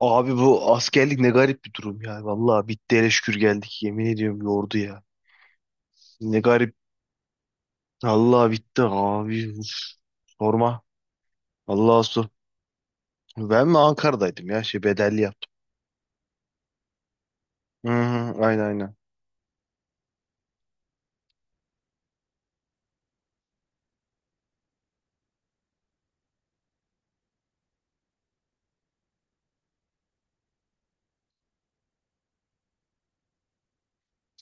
Abi bu askerlik ne garip bir durum ya. Vallahi bitti, hele şükür geldik. Yemin ediyorum, yordu ya. Ne garip. Allah bitti abi. Uf, sorma. Allah'a sor. Ben mi Ankara'daydım ya? Şey, bedelli yaptım. Hı hı, aynen aynen.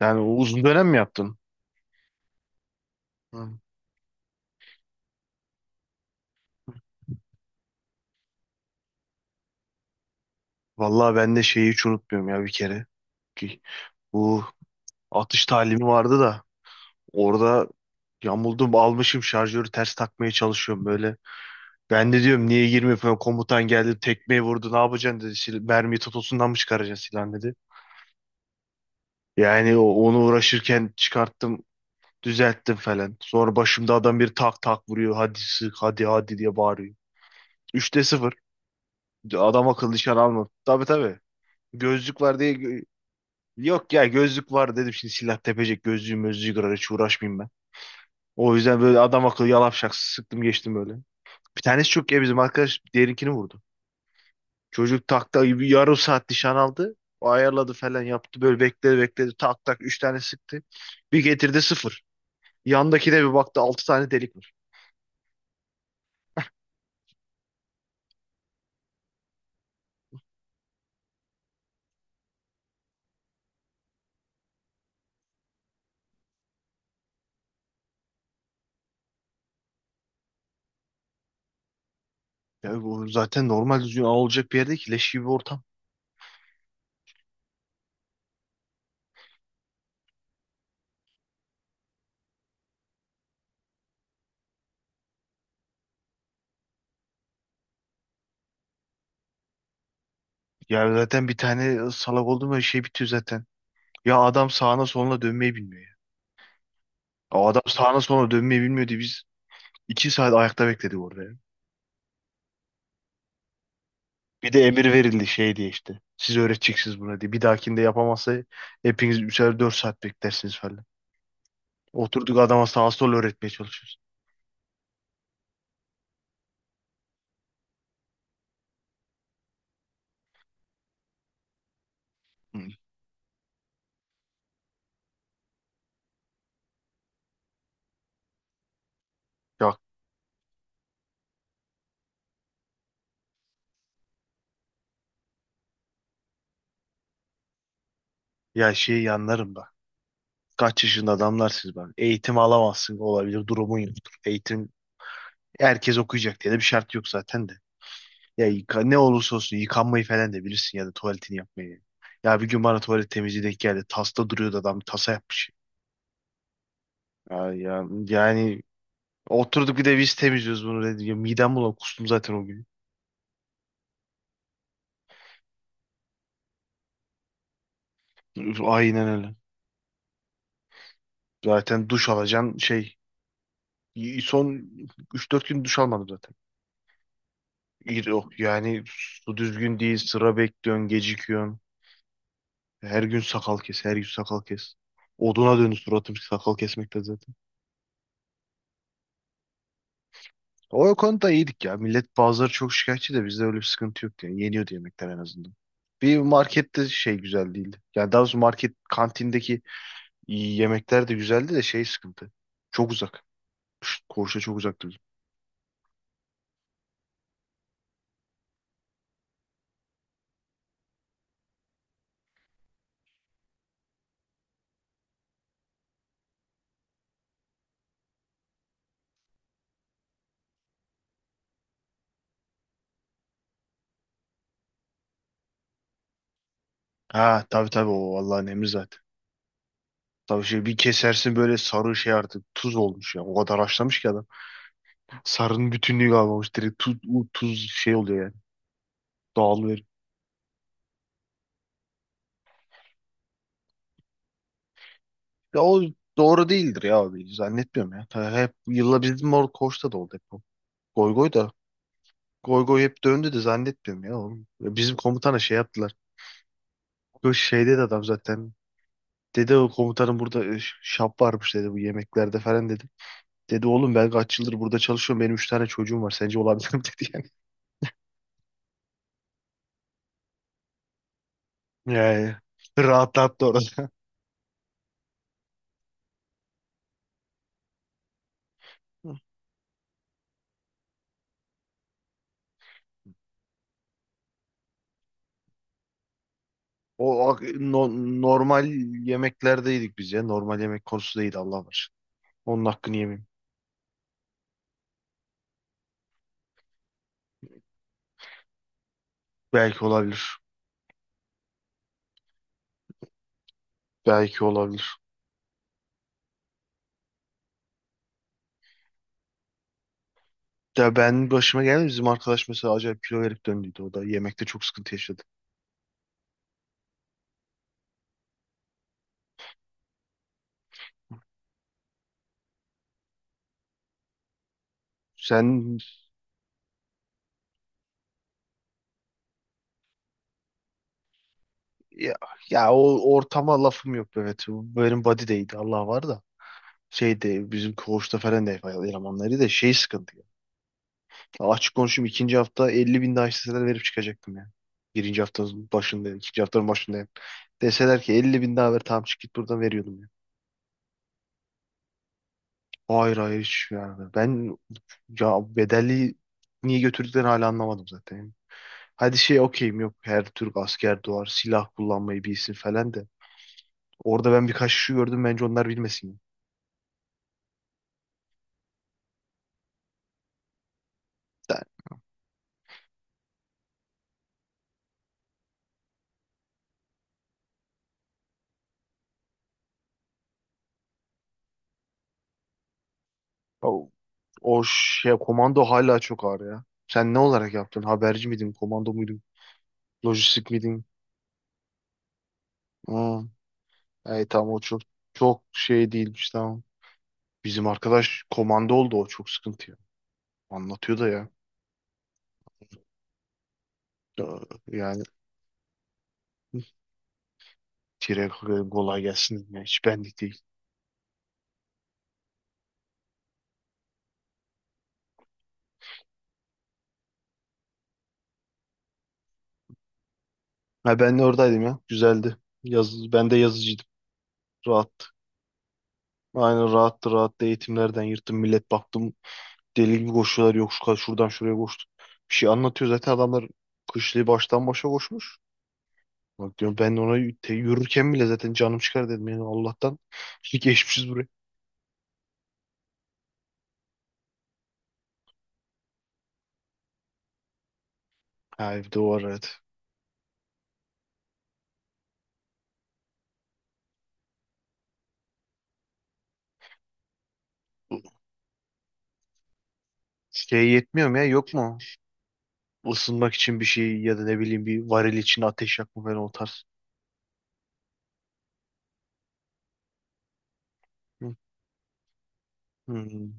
Yani o uzun dönem mi yaptın? Hı. Vallahi ben de şeyi hiç unutmuyorum ya, bir kere. Ki bu atış talimi vardı da, orada yamuldum, almışım şarjörü ters takmaya çalışıyorum böyle. Ben de diyorum niye girmiyor falan, komutan geldi tekmeyi vurdu, ne yapacaksın dedi. Sil mermiyi totosundan mı çıkaracaksın silahını dedi. Yani onu uğraşırken çıkarttım, düzelttim falan. Sonra başımda adam bir tak tak vuruyor, hadi sık, hadi hadi diye bağırıyor. Üçte sıfır, adam akıllı nişan almadı. Tabii tabii, gözlük var diye yok ya, gözlük var dedim, şimdi silah tepecek, gözlüğü mözlüğü kırar, hiç uğraşmayayım ben. O yüzden böyle adam akıllı yalap şak sıktım geçtim böyle. Bir tanesi çok ya, bizim arkadaş diğerinkini vurdu. Çocuk takta gibi yarım saat nişan aldı. O ayarladı falan yaptı. Böyle bekledi bekledi. Tak tak üç tane sıktı. Bir getirdi sıfır. Yandaki de bir baktı, altı tane delik var. Ya bu zaten normal düzgün ağ olacak bir yerde ki leş gibi bir ortam. Ya zaten bir tane salak oldu mu şey bitiyor zaten. Ya adam sağına soluna dönmeyi bilmiyor ya. O adam sağına soluna dönmeyi bilmiyordu. Biz iki saat ayakta bekledik orada ya. Bir de emir verildi şey diye işte. Siz öğreteceksiniz buna diye. Bir dahakinde yapamazsa hepiniz üçer 4 saat beklersiniz falan. Oturduk adama sağa sola öğretmeye çalışıyoruz. Hı. Yok ya, şey yanlarım da. Kaç yaşında adamlar siz, ben. Eğitim alamazsın, olabilir, durumun yoktur. Eğitim, herkes okuyacak diye de bir şart yok zaten de. Ya ne olursa olsun yıkanmayı falan da bilirsin ya da tuvaletini yapmayı. Ya bir gün bana tuvalet temizliği denk geldi. Tasta duruyordu, adam tasa yapmış. Ya, yani oturduk bir de biz temizliyoruz bunu dedi. Ya midem bulan, kustum zaten o gün. Aynen öyle. Zaten duş alacaksın şey. Son üç dört gün duş almadım zaten. Yok yani, su düzgün değil. Sıra bekliyorsun, gecikiyorsun. Her gün sakal kes, her gün sakal kes. Oduna döndü suratım sakal kesmekte zaten. O konuda iyiydik ya. Millet bazıları çok şikayetçi de bizde öyle bir sıkıntı yok yani. Yeniyordu yemekler en azından. Bir markette şey güzel değildi. Yani daha doğrusu market kantindeki İyi yemekler de güzeldi de şey sıkıntı. Çok uzak. Şşt, Korşa çok uzaktı bizim. Ha tabii tabii, o Allah'ın emri zaten. Tabii şey, bir kesersin böyle sarı şey artık tuz olmuş ya. O kadar haşlamış ki adam. Sarının bütünlüğü kalmamış. Direkt tuz, tuz şey oluyor yani. Dağılıyor. Ya o doğru değildir ya abi. Zannetmiyorum ya. Hep yılla bizim orada Koç'ta da oldu hep o. Goygoy da. Goygoy hep döndü de zannetmiyorum ya oğlum. Ya bizim komutana şey yaptılar. Böyle şey dedi adam zaten. Dedi o komutanım burada şap varmış dedi bu yemeklerde falan dedi. Dedi oğlum ben kaç yıldır burada çalışıyorum. Benim üç tane çocuğum var. Sence olabilir mi dedi yani. Yani rahatlattı orada. O normal yemeklerdeydik biz ya. Normal yemek konusu değil, Allah var. Onun hakkını yemeyeyim. Belki olabilir. Belki olabilir. Ya ben başıma geldi. Bizim arkadaş mesela acayip kilo verip döndüydü. O da yemekte çok sıkıntı yaşadı. Sen ya, ya o ortama lafım yok, evet. Benim body değildi, Allah var da. Şeyde bizim koğuşta falan da elemanları da şey sıkıntı. Ya açık konuşayım, ikinci hafta 50 bin daha isteseler verip çıkacaktım yani. Birinci haftanın başındayım. İkinci haftanın başındayım. Deseler ki 50 bin daha ver, tamam çık git buradan, veriyordum ya. Hayır hayır, hiç yani. Ben ya, bedelli niye götürdüklerini hala anlamadım zaten. Hadi şey okeyim, yok her Türk asker doğar silah kullanmayı bilsin falan de. Orada ben birkaç kişi gördüm, bence onlar bilmesin. Yani O, o şey komando hala çok ağır ya. Sen ne olarak yaptın? Haberci miydin? Komando muydun? Lojistik miydin? Hmm. Hey, tamam o çok çok şey değilmiş, tamam. Bizim arkadaş komando oldu, o çok sıkıntı ya. Anlatıyor da ya. Ee, Yani tire kolay gelsin. Ya, hiç benlik değil. Ha, ben de oradaydım ya. Güzeldi. Yaz, ben de yazıcıydım. Rahat. Aynen rahattı rahattı, eğitimlerden yırttım. Millet baktım deli gibi koşuyorlar, yok şu kadar şuradan şuraya koştu. Bir şey anlatıyor zaten adamlar, kışlığı baştan başa koşmuş. Bak diyorum ben ona, yürürken bile zaten canım çıkar dedim yani, Allah'tan şimdi geçmişiz buraya. Ha evde o var, evet. Şey yetmiyor mu ya, yok mu? Isınmak için bir şey ya da ne bileyim, bir varil için ateş yakma falan, o tarz. Hı, hı,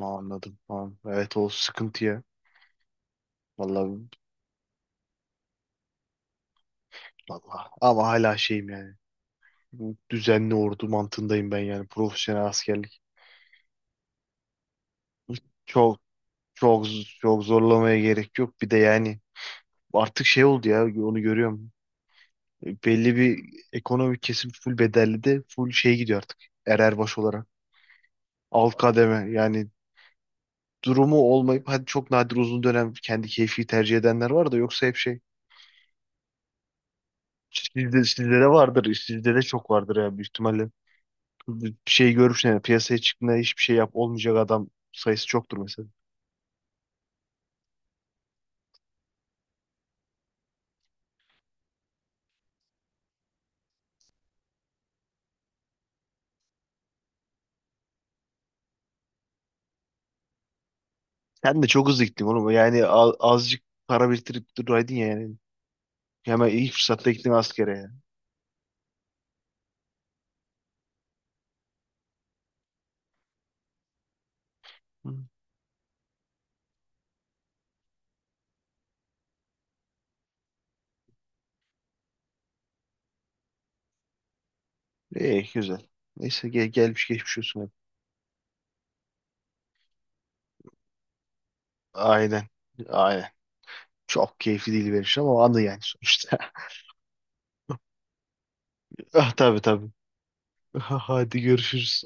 anladım. Tamam. Evet o sıkıntı ya. Vallahi, vallahi. Ama hala şeyim yani. Bu düzenli ordu mantığındayım ben yani, profesyonel askerlik. Çok Çok çok zorlamaya gerek yok. Bir de yani artık şey oldu ya, onu görüyorum. Belli bir ekonomik kesim full bedelli de full şey gidiyor artık. Ererbaş olarak. Alt kademe yani durumu olmayıp, hadi çok nadir uzun dönem kendi keyfi tercih edenler var da, yoksa hep şey. Sizde de vardır. Sizde de çok vardır ya büyük ihtimalle. Bir şey görmüşsün yani piyasaya çıktığında hiçbir şey yap olmayacak adam sayısı çoktur mesela. Sen de çok hızlı gittin oğlum. Yani azıcık para biriktirip duraydın ya yani. Hemen ilk fırsatta gittim askere ya. Hı. İyi güzel. Neyse gelmiş geçmiş olsun hep. Aynen. Aynen. Çok keyifli değil benim için ama anı yani sonuçta. Ah tabii tabii. Hadi görüşürüz.